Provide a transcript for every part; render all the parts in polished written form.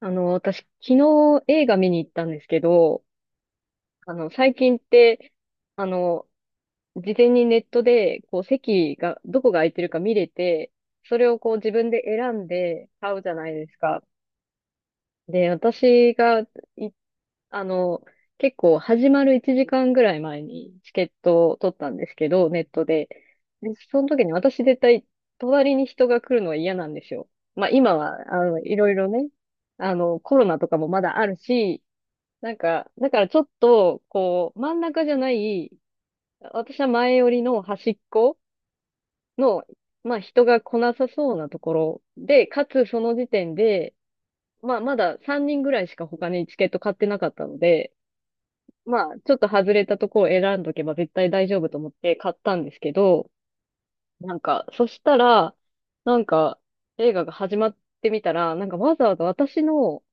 私、昨日映画見に行ったんですけど、最近って、あの、事前にネットで、こう、席が、どこが空いてるか見れて、それをこう、自分で選んで買うじゃないですか。で、私が、い、あの、結構、始まる1時間ぐらい前にチケットを取ったんですけど、ネットで。で、その時に私絶対、隣に人が来るのは嫌なんですよ。まあ、今は、いろいろね、コロナとかもまだあるし、なんか、だからちょっと、こう、真ん中じゃない、私は前寄りの端っこの、まあ人が来なさそうなところで、かつその時点で、まあまだ3人ぐらいしか他にチケット買ってなかったので、まあちょっと外れたところを選んどけば絶対大丈夫と思って買ったんですけど、なんか、そしたら、なんか映画が始まってみたら、なんかわざわざ私の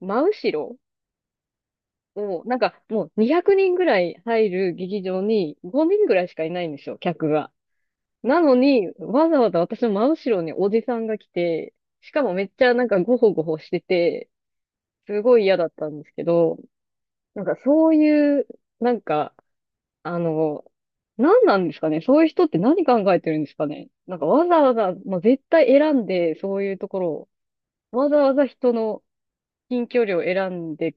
真後ろを、なんかもう200人ぐらい入る劇場に5人ぐらいしかいないんですよ、客が。なのに、わざわざ私の真後ろにおじさんが来て、しかもめっちゃなんかゴホゴホしてて、すごい嫌だったんですけど、なんかそういう、なんか、あの、何なんですかね、そういう人って何考えてるんですかね。なんかわざわざ、まあ、絶対選んで、そういうところを、わざわざ人の近距離を選んで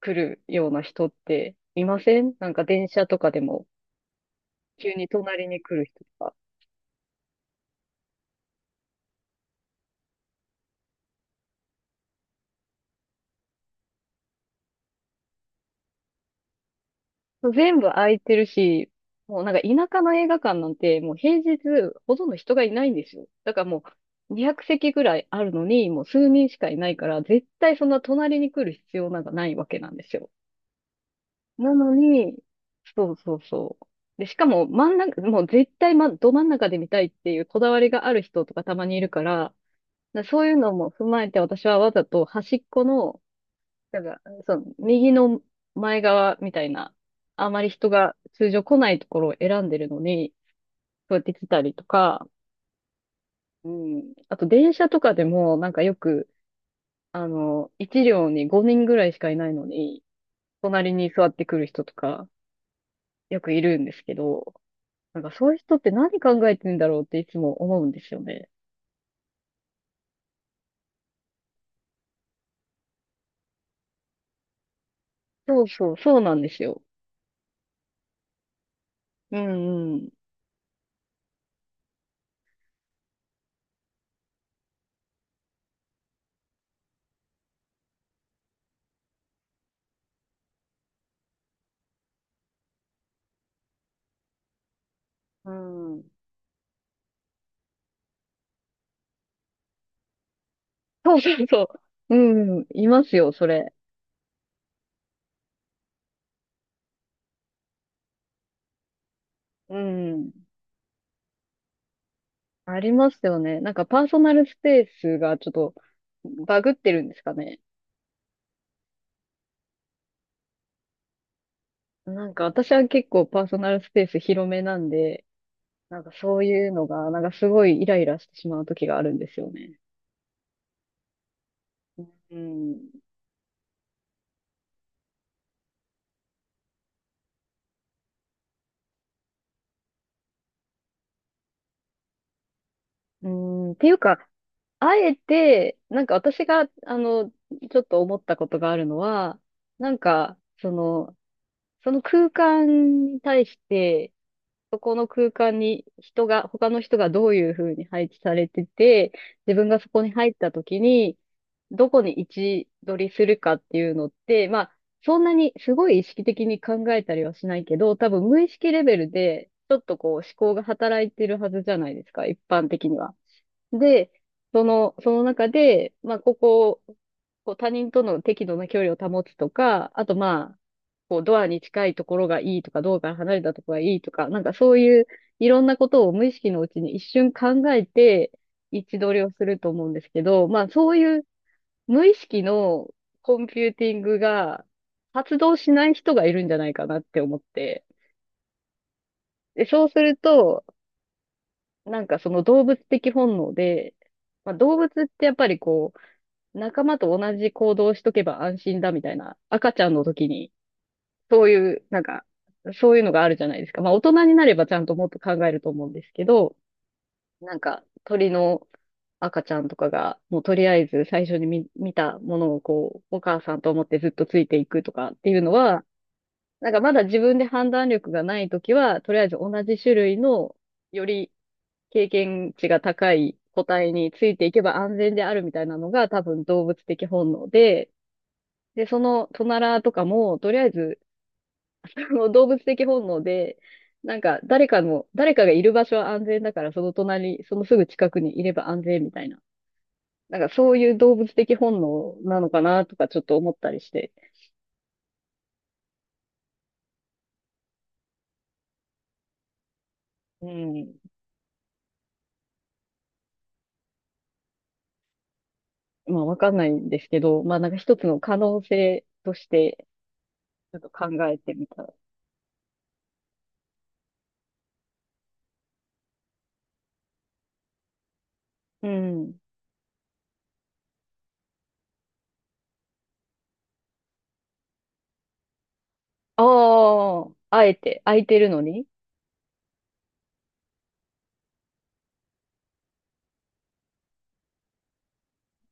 来るような人っていません。なんか電車とかでも急に隣に来る人とか。全部空いてるし、もうなんか田舎の映画館なんてもう平日ほとんど人がいないんですよ。だからもう200席ぐらいあるのにもう数人しかいないから絶対そんな隣に来る必要なんかないわけなんですよ。なのに、そうそうそう。で、しかも真ん中、もう絶対、ま、ど真ん中で見たいっていうこだわりがある人とかたまにいるから、そういうのも踏まえて、私はわざと端っこの、なんか、その、右の前側みたいな、あまり人が通常来ないところを選んでるのに、そうやって来たりとか、うん。あと、電車とかでも、なんかよく、一両に5人ぐらいしかいないのに、隣に座ってくる人とか、よくいるんですけど、なんかそういう人って何考えてんだろうっていつも思うんですよね。そうそう、そうなんですよ。うんうん。うん。そうそうそう。うん、いますよ、それ。うん。ありますよね。なんかパーソナルスペースがちょっとバグってるんですかね。なんか私は結構パーソナルスペース広めなんで、なんかそういうのが、なんかすごいイライラしてしまう時があるんですよね。うん。うん、っていうか、あえて、なんか私が、ちょっと思ったことがあるのは、なんか、その空間に対して、そこの空間に人が、他の人がどういうふうに配置されてて、自分がそこに入った時に、どこに位置取りするかっていうのって、まあ、そんなにすごい意識的に考えたりはしないけど、多分無意識レベルで、ちょっとこう思考が働いてるはずじゃないですか、一般的には。で、その中で、まあ、ここを、こう他人との適度な距離を保つとか、あとまあ、に近いところがいいとか、道から離れたところがいいとか、なんかそういういろんなことを無意識のうちに一瞬考えて位置取りをすると思うんですけど、まあそういう無意識のコンピューティングが発動しない人がいるんじゃないかなって思って。で、そうすると、なんかその動物的本能で、まあ、動物ってやっぱりこう、仲間と同じ行動をしとけば安心だみたいな、赤ちゃんの時にそういう、なんか、そういうのがあるじゃないですか。まあ、大人になればちゃんともっと考えると思うんですけど、なんか、鳥の赤ちゃんとかが、もうとりあえず最初に見たものをこう、お母さんと思ってずっとついていくとかっていうのは、なんかまだ自分で判断力がないときは、とりあえず同じ種類の、より経験値が高い個体についていけば安全であるみたいなのが多分動物的本能で、で、そのトナラとかも、とりあえずもう動物的本能で、なんか誰かの、誰かがいる場所は安全だから、その隣、そのすぐ近くにいれば安全みたいな。なんかそういう動物的本能なのかなとかちょっと思ったりして。うん。まあわかんないんですけど、まあなんか一つの可能性として、ちょっと考えてみた。うん。ああ、あえて、空いてるのに。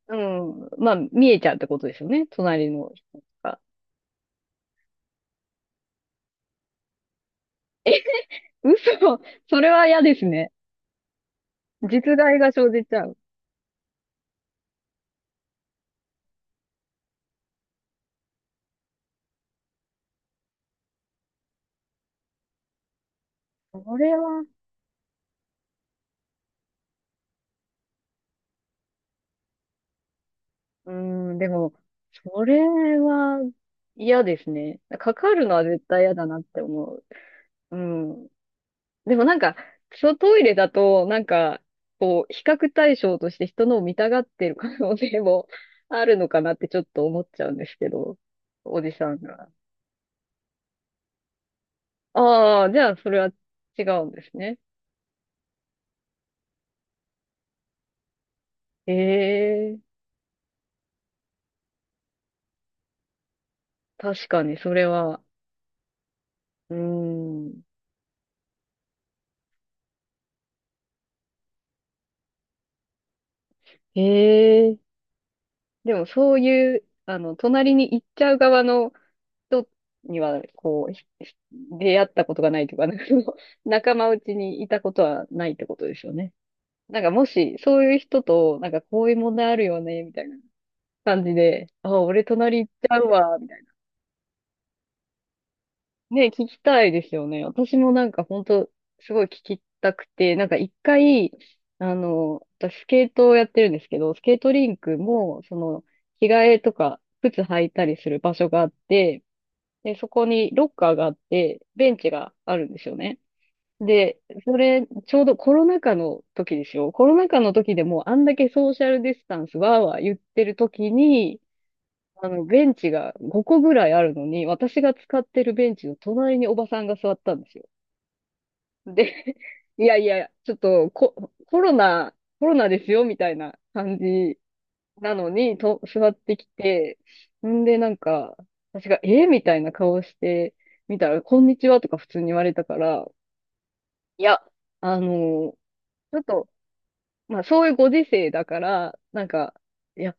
うん。まあ見えちゃうってことですよね。隣の人とか。嘘 それは嫌ですね。実害が生じちゃう。それはうーん、でも、それは嫌ですね。かかるのは絶対嫌だなって思う。うん。でもなんか、そうトイレだと、なんか、こう、比較対象として人のを見たがってる可能性も あるのかなってちょっと思っちゃうんですけど、おじさんが。ああ、じゃあそれは違うんですね。ええ、確かにそれは、うーん。ええ、でもそういう、隣に行っちゃう側の、人には、こう、出会ったことがないというか、なんかその仲間内にいたことはないってことですよね。なんかもし、そういう人と、なんかこういう問題あるよね、みたいな感じで、あ、俺隣行っちゃうわ、みたいな。ね、聞きたいですよね。私もなんか本当すごい聞きたくて、なんか一回、私スケートをやってるんですけど、スケートリンクも、その、着替えとか、靴履いたりする場所があって、で、そこにロッカーがあって、ベンチがあるんですよね。で、それ、ちょうどコロナ禍の時ですよ。コロナ禍の時でもうあんだけソーシャルディスタンスわーわー言ってる時に、ベンチが5個ぐらいあるのに、私が使ってるベンチの隣におばさんが座ったんですよ。で、いやいや、ちょっとコロナ、コロナですよ、みたいな感じなのに、と、座ってきて、んで、なんか、私が、えみたいな顔して見たら、こんにちはとか普通に言われたから、いや、あのーちょっと、まあ、そういうご時世だから、なんか、いや、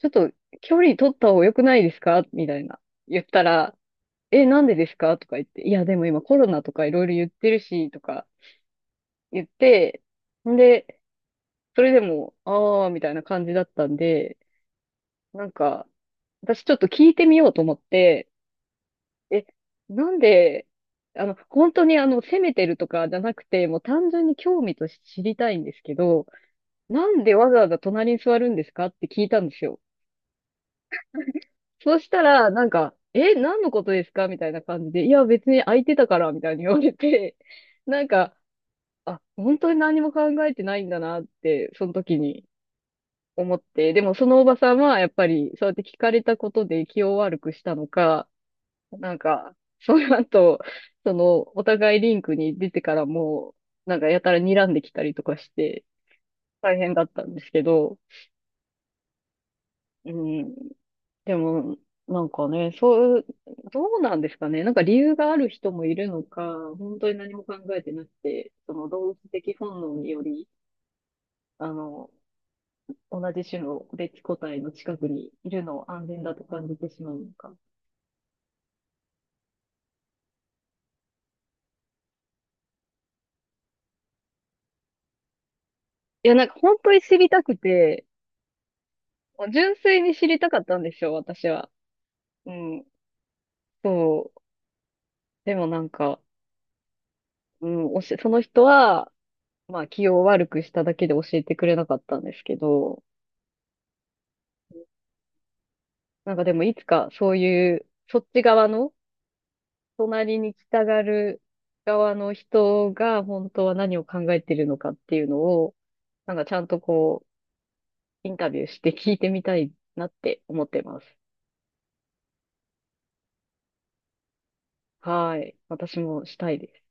ちょっと、距離取った方が良くないですかみたいな、言ったら、え、なんでですかとか言って、いや、でも今コロナとかいろいろ言ってるし、とか言って、んで、それでも、あー、みたいな感じだったんで、なんか、私ちょっと聞いてみようと思って、え、なんで、本当にあの、責めてるとかじゃなくて、もう単純に興味として知りたいんですけど、なんでわざわざ隣に座るんですかって聞いたんですよ。そうしたら、なんか、え、何のことですかみたいな感じで、いや、別に空いてたから、みたいに言われて、なんか、あ、本当に何も考えてないんだなって、その時に思って、でもそのおばさんは、やっぱり、そうやって聞かれたことで気を悪くしたのか、なんか、その後、その、お互いリンクに出てからもう、なんかやたら睨んできたりとかして、大変だったんですけど、うん、でも、なんかね、そう、どうなんですかね。なんか理由がある人もいるのか、本当に何も考えてなくて、その動物的本能により、あの、同じ種の別個体の近くにいるのを安全だと感じてしまうのか。いや、なんか本当に知りたくて、純粋に知りたかったんですよ、私は。うん。そう。でもなんか、うん、その人は、まあ気を悪くしただけで教えてくれなかったんですけど、なんかでもいつかそういう、そっち側の、隣に来たがる側の人が本当は何を考えてるのかっていうのを、なんかちゃんとこう、インタビューして聞いてみたいなって思ってます。はい。私もしたいです。